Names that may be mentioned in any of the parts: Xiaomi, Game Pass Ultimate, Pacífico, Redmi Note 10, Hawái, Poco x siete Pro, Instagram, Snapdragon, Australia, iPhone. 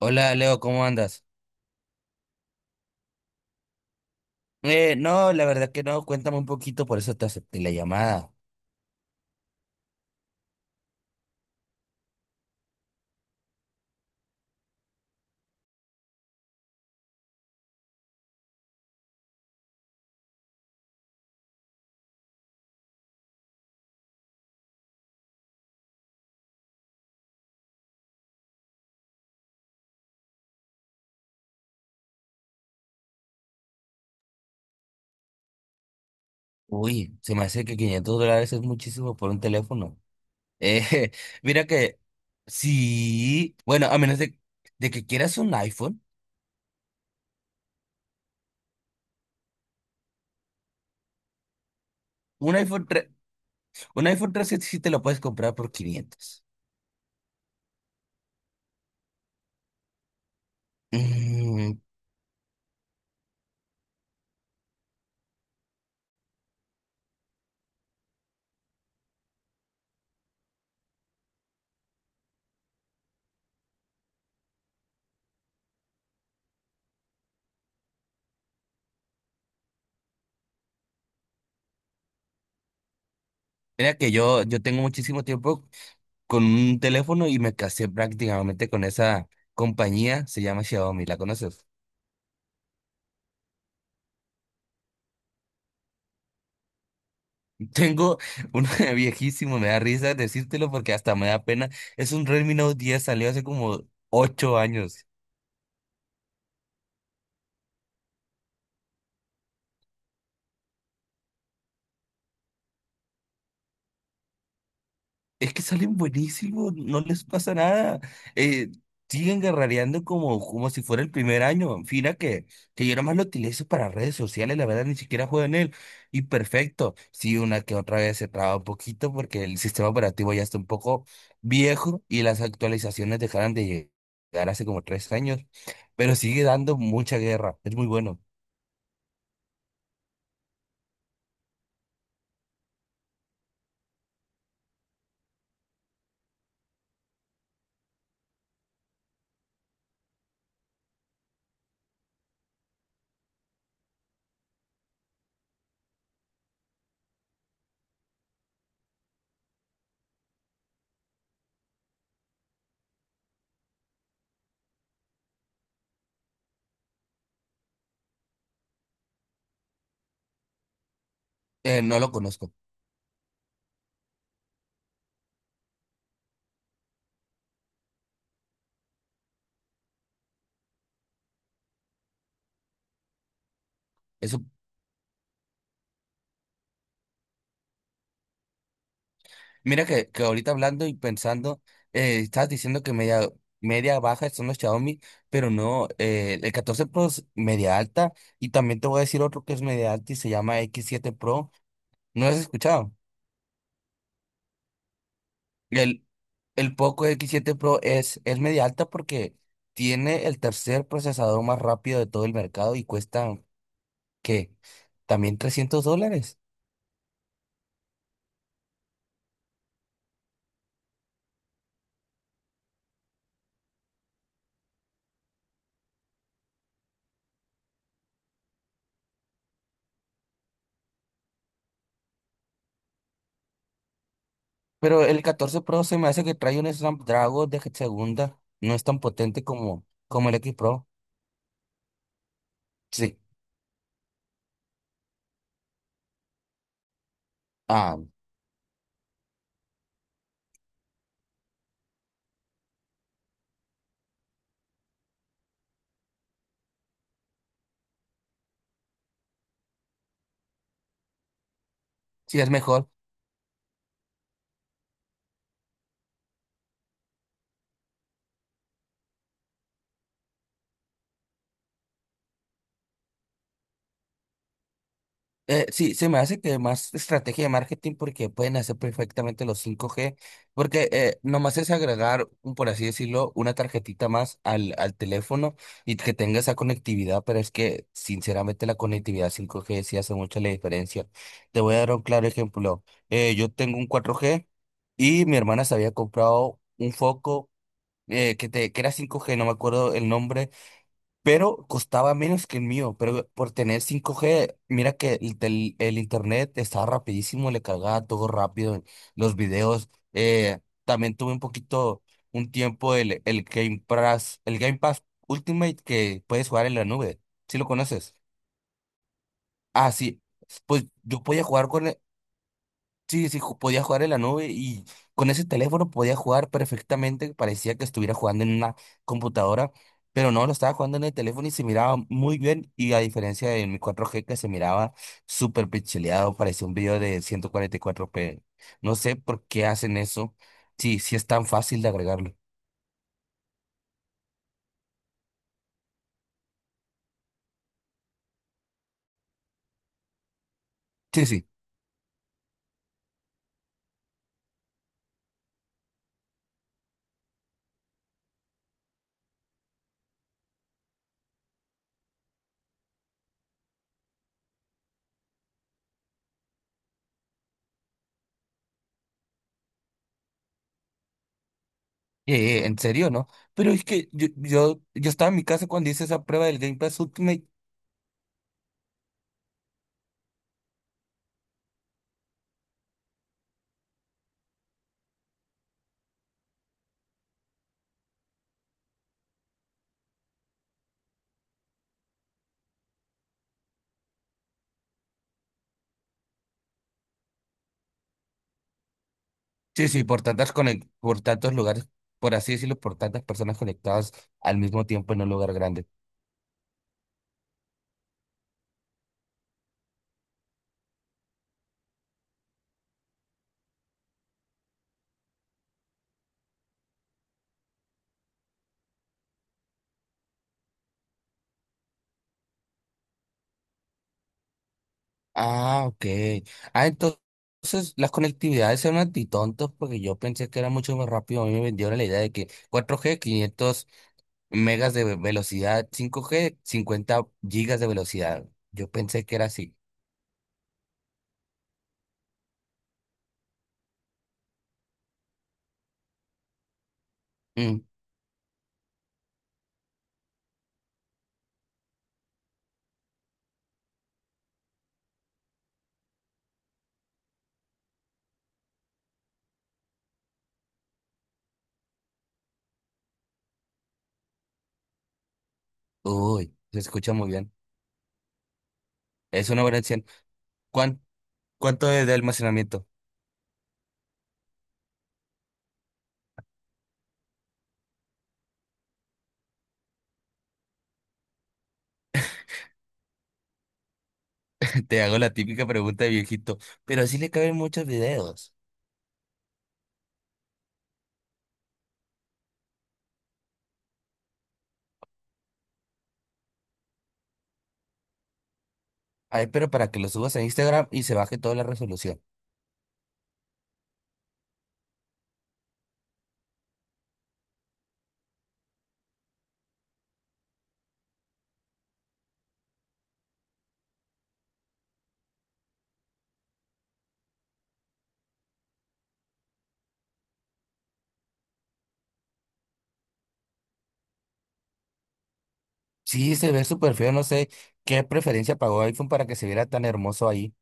Hola Leo, ¿cómo andas? No, la verdad que no, cuéntame un poquito, por eso te acepté la llamada. Uy, se me hace que $500 es muchísimo por un teléfono. Eh, mira que sí, bueno, a menos de que quieras un iPhone tres, un iPhone 3 sí te lo puedes comprar por 500. Mm, mira que yo tengo muchísimo tiempo con un teléfono y me casé prácticamente con esa compañía, se llama Xiaomi, ¿la conoces? Tengo uno viejísimo, me da risa decírtelo porque hasta me da pena. Es un Redmi Note 10, salió hace como 8 años. Es que salen buenísimos, no les pasa nada. Eh, Siguen guerrereando como, como si fuera el primer año. Fina que yo nomás lo utilizo para redes sociales, la verdad ni siquiera juego en él. Y perfecto, sí, una que otra vez se traba un poquito porque el sistema operativo ya está un poco viejo y las actualizaciones dejaron de llegar hace como 3 años. Pero sigue dando mucha guerra, es muy bueno. No lo conozco. Eso, mira que ahorita hablando y pensando, estabas diciendo que media, media baja son los Xiaomi, pero no, el 14 Pro es media alta y también te voy a decir otro que es media alta y se llama x siete Pro. ¿No lo has escuchado? El, el Poco x siete Pro es media alta porque tiene el tercer procesador más rápido de todo el mercado y cuesta, ¿qué? También $300. Pero el catorce Pro se me hace que trae un Snapdragon de segunda, no es tan potente como, como el X Pro. Sí, ah, sí, es mejor. Sí, se me hace que más estrategia de marketing porque pueden hacer perfectamente los cinco g porque nomás es agregar, por así decirlo, una tarjetita más al, al teléfono y que tenga esa conectividad, pero es que sinceramente la conectividad cinco g sí hace mucha la diferencia. Te voy a dar un claro ejemplo. Yo tengo un cuatro g y mi hermana se había comprado un foco que era cinco g, no me acuerdo el nombre pero costaba menos que el mío, pero por tener 5G, mira que el internet estaba rapidísimo, le cargaba todo rápido, los videos, también tuve un poquito, un tiempo el Game Pass Ultimate que puedes jugar en la nube, ¿si lo conoces? Ah, sí, pues yo podía jugar con, sí, sí, podía jugar en la nube y con ese teléfono podía jugar perfectamente. Parecía que estuviera jugando en una computadora, pero no, lo estaba jugando en el teléfono y se miraba muy bien. Y a diferencia de mi 4G que se miraba súper pixeleado, parecía un video de 144p. No sé por qué hacen eso. Sí, sí es tan fácil de agregarlo. Sí, sí. ¿En serio, no? Pero es que yo estaba en mi casa cuando hice esa prueba del Game Pass Ultimate. Sí, sí, por tantos lugares, por así decirlo, por tantas personas conectadas al mismo tiempo en un lugar grande. Ah, ok. Ah, entonces las conectividades son antitontos porque yo pensé que era mucho más rápido. A mí me vendieron la idea de que cuatro g 500 megas velocidad, cinco g 50 gigas de velocidad. Yo pensé que era así. Mm. Uy, se escucha muy bien. Es una buena opción. ¿Cuán- ¿Cuánto es de almacenamiento? Te hago la típica pregunta de viejito, pero así le caben muchos videos. Ay, pero para que lo subas a Instagram y se baje toda la resolución. Sí, se ve súper feo, no sé qué preferencia pagó iPhone para que se viera tan hermoso ahí.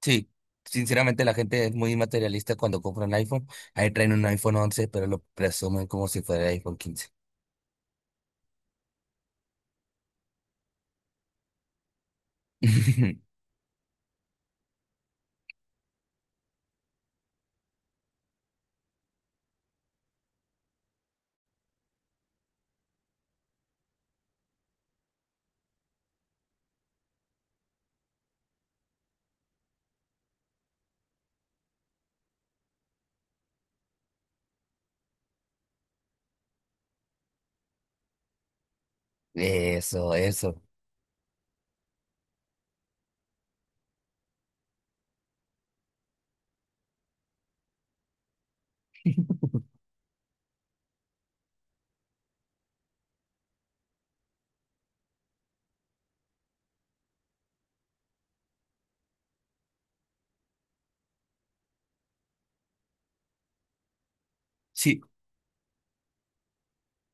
Sí, sinceramente la gente es muy materialista cuando compra un iPhone. Ahí traen un iPhone once, pero lo presumen como si fuera iPhone quince. Eso, eso. Sí,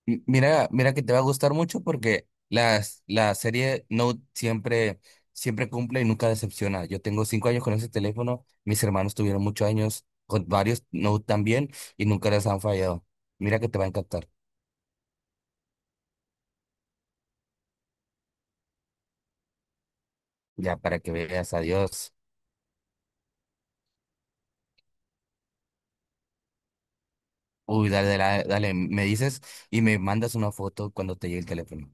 M- mira, mira que te va a gustar mucho porque las, la serie Note siempre, siempre cumple y nunca decepciona. Yo tengo 5 años con ese teléfono, mis hermanos tuvieron muchos años con varios Note también y nunca les han fallado. Mira que te va a encantar. Ya para que veas, adiós. Uy, dale, dale, dale, me dices y me mandas una foto cuando te llegue el teléfono.